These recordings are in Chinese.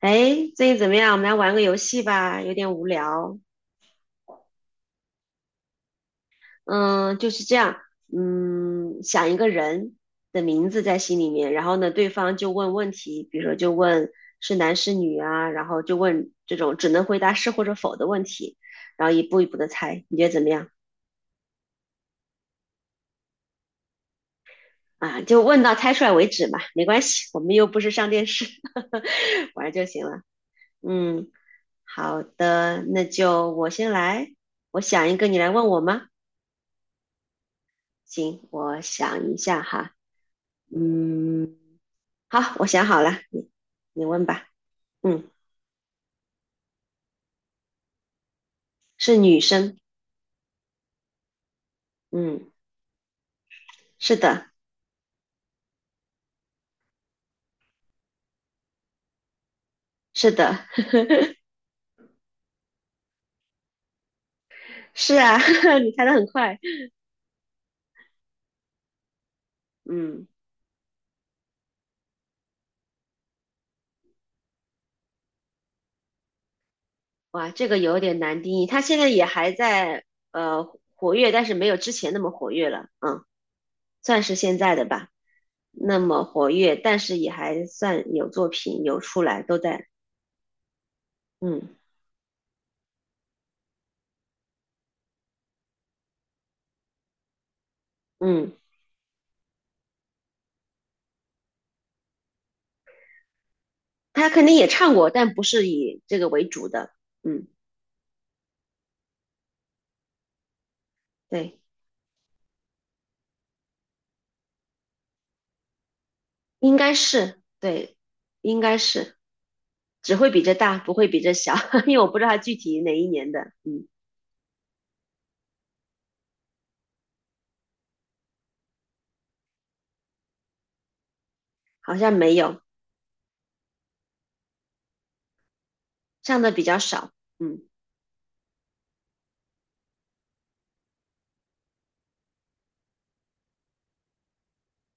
哎，最近怎么样？我们来玩个游戏吧，有点无聊。嗯，就是这样。嗯，想一个人的名字在心里面，然后呢，对方就问问题，比如说就问是男是女啊，然后就问这种只能回答是或者否的问题，然后一步一步的猜，你觉得怎么样？啊，就问到猜出来为止嘛，没关系，我们又不是上电视，玩儿就行了。嗯，好的，那就我先来，我想一个，你来问我吗？行，我想一下哈。嗯，好，我想好了，你问吧。嗯，是女生。嗯，是的。是的。是啊，你猜的很快。嗯，哇，这个有点难定义，她现在也还在呃活跃，但是没有之前那么活跃了。嗯，算是现在的吧，那么活跃，但是也还算有作品有出来，都在。嗯嗯，她肯定也唱过，但不是以这个为主的。嗯，对。应该是，对，应该是。只会比这大，不会比这小，因为我不知道他具体哪一年的。嗯，好像没有。上的比较少。嗯，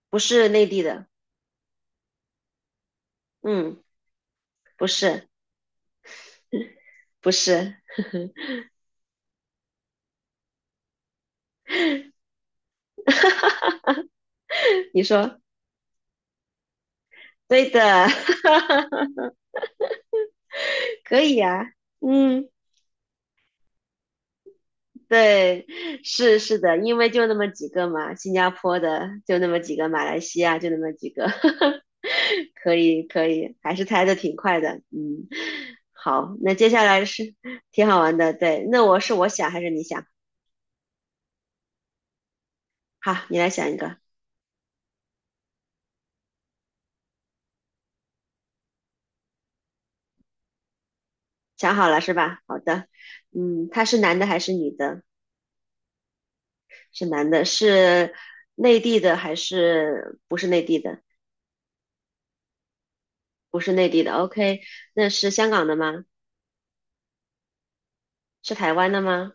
不是内地的。嗯，不是。不是。你说对的。可以呀、嗯。对，是是的，因为就那么几个嘛，新加坡的就那么几个，马来西亚就那么几个。可以可以，还是猜的挺快的。嗯，好，那接下来是挺好玩的，对。那我是我想还是你想？好，你来想一个。想好了是吧？好的。嗯，他是男的还是女的？是男的。是内地的还是不是内地的？不是内地的，OK。那是香港的吗？是台湾的吗？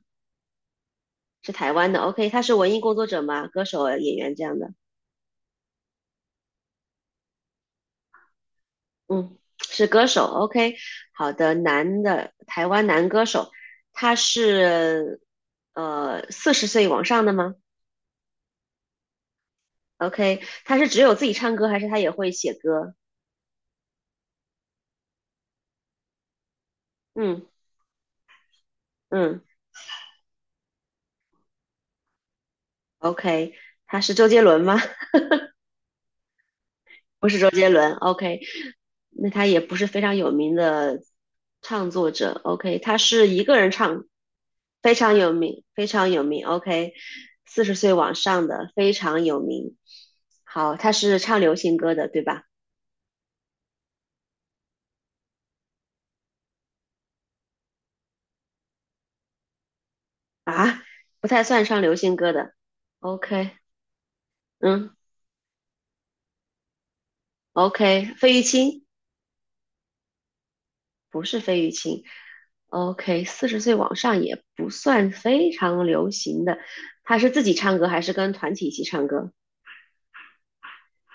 是台湾的，OK。他是文艺工作者吗？歌手、演员这样的。嗯，是歌手，OK。好的，男的，台湾男歌手，他是四十岁往上的吗？OK，他是只有自己唱歌，还是他也会写歌？嗯嗯，OK,他是周杰伦吗？不是周杰伦，OK。那他也不是非常有名的唱作者，OK,他是一个人唱。非常有名，非常有名，OK。四十岁往上的非常有名。好，他是唱流行歌的，对吧？啊，不太算唱流行歌的，OK。嗯，OK,费玉清不是费玉清，OK。四十岁往上也不算非常流行的，他是自己唱歌还是跟团体一起唱歌？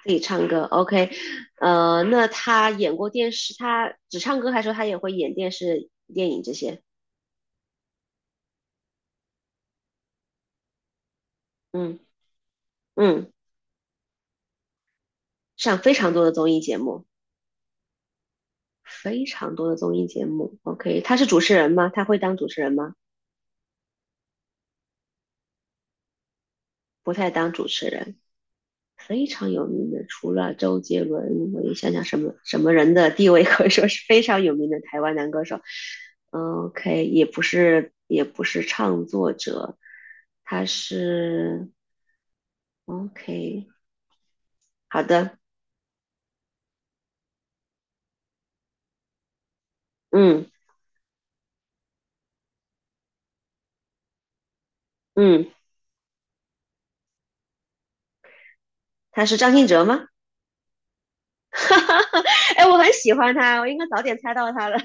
自己唱歌，OK。那他演过电视，他只唱歌还是说他也会演电视、电影这些？嗯嗯，上非常多的综艺节目。非常多的综艺节目，OK,他是主持人吗？他会当主持人吗？不太当主持人。非常有名的，除了周杰伦，我也想想什么什么人的地位可以说是非常有名的台湾男歌手。嗯， OK,也不是也不是唱作者，他是 OK。好的，嗯嗯，他是张信哲吗？哎，我很喜欢他，我应该早点猜到他了。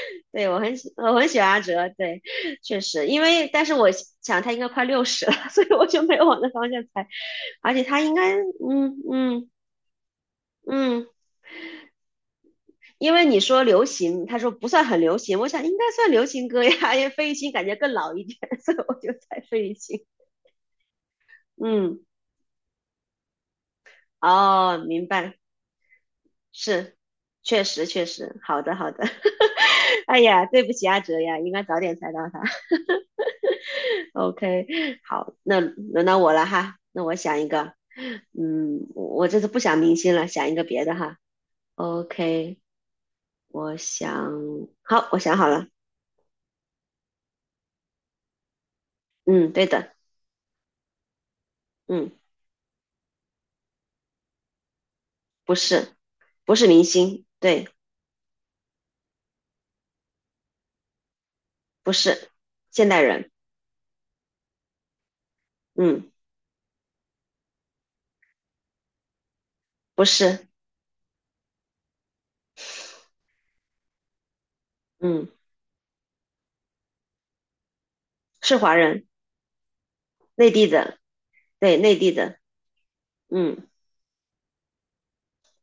对，我很喜，我很喜欢阿哲。对，确实，因为但是我想他应该快六十了，所以我就没有往那方向猜。而且他应该，嗯，因为你说流行，他说不算很流行，我想应该算流行歌呀，因为费玉清感觉更老一点，所以我就猜费玉清。嗯，哦，明白，是，确实确实，好的好的。哎呀，对不起阿哲呀，应该早点猜到他。OK,好，那轮到我了哈，那我想一个。嗯，我这次不想明星了，想一个别的哈。OK,我想，好，我想好了。嗯，对的。嗯，不是，不是明星，对。不是现代人。嗯，不是。嗯，是华人。内地的，对，内地的。嗯，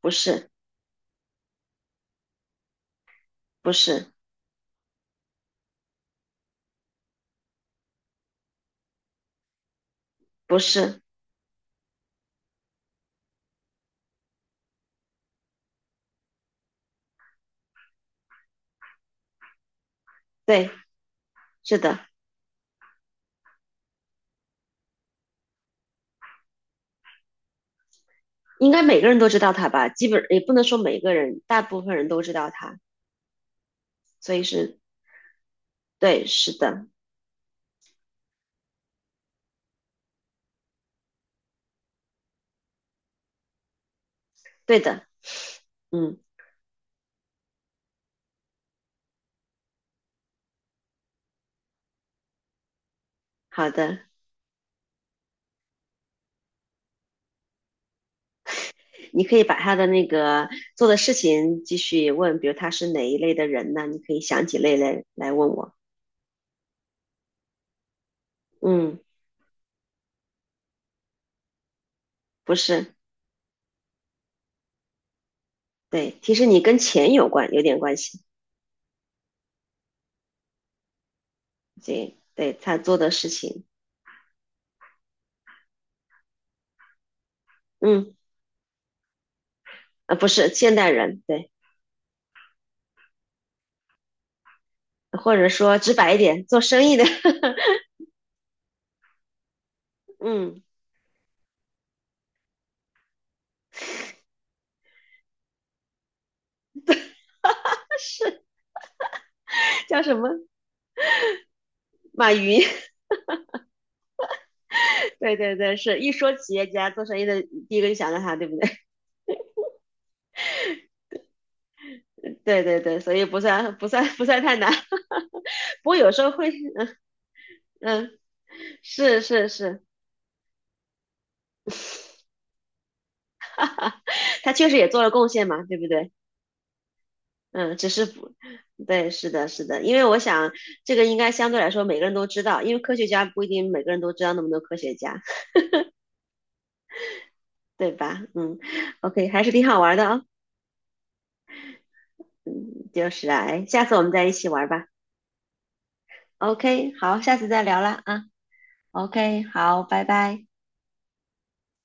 不是。不是。不是。对，是的。应该每个人都知道他吧？基本也不能说每个人，大部分人都知道他，所以是对，是的。对的。嗯，好的，你可以把他的那个做的事情继续问，比如他是哪一类的人呢？你可以想几类来问我。嗯，不是。对，其实你跟钱有关，有点关系。对，对他做的事情。嗯，不是现代人，对。或者说直白一点，做生意的。嗯，叫什么？马云。对对对，是一说企业家做生意的，第一个就想到他，对不对？对对对，所以不算不算不算太难。不过有时候会。嗯，是是是，他确实也做了贡献嘛，对不对？嗯，只是不，对，是的，是的，因为我想这个应该相对来说每个人都知道，因为科学家不一定每个人都知道那么多科学家，对吧？嗯，OK,还是挺好玩的哦。嗯，就是啊，哎，下次我们再一起玩吧。OK,好，下次再聊了啊。OK,好，拜拜。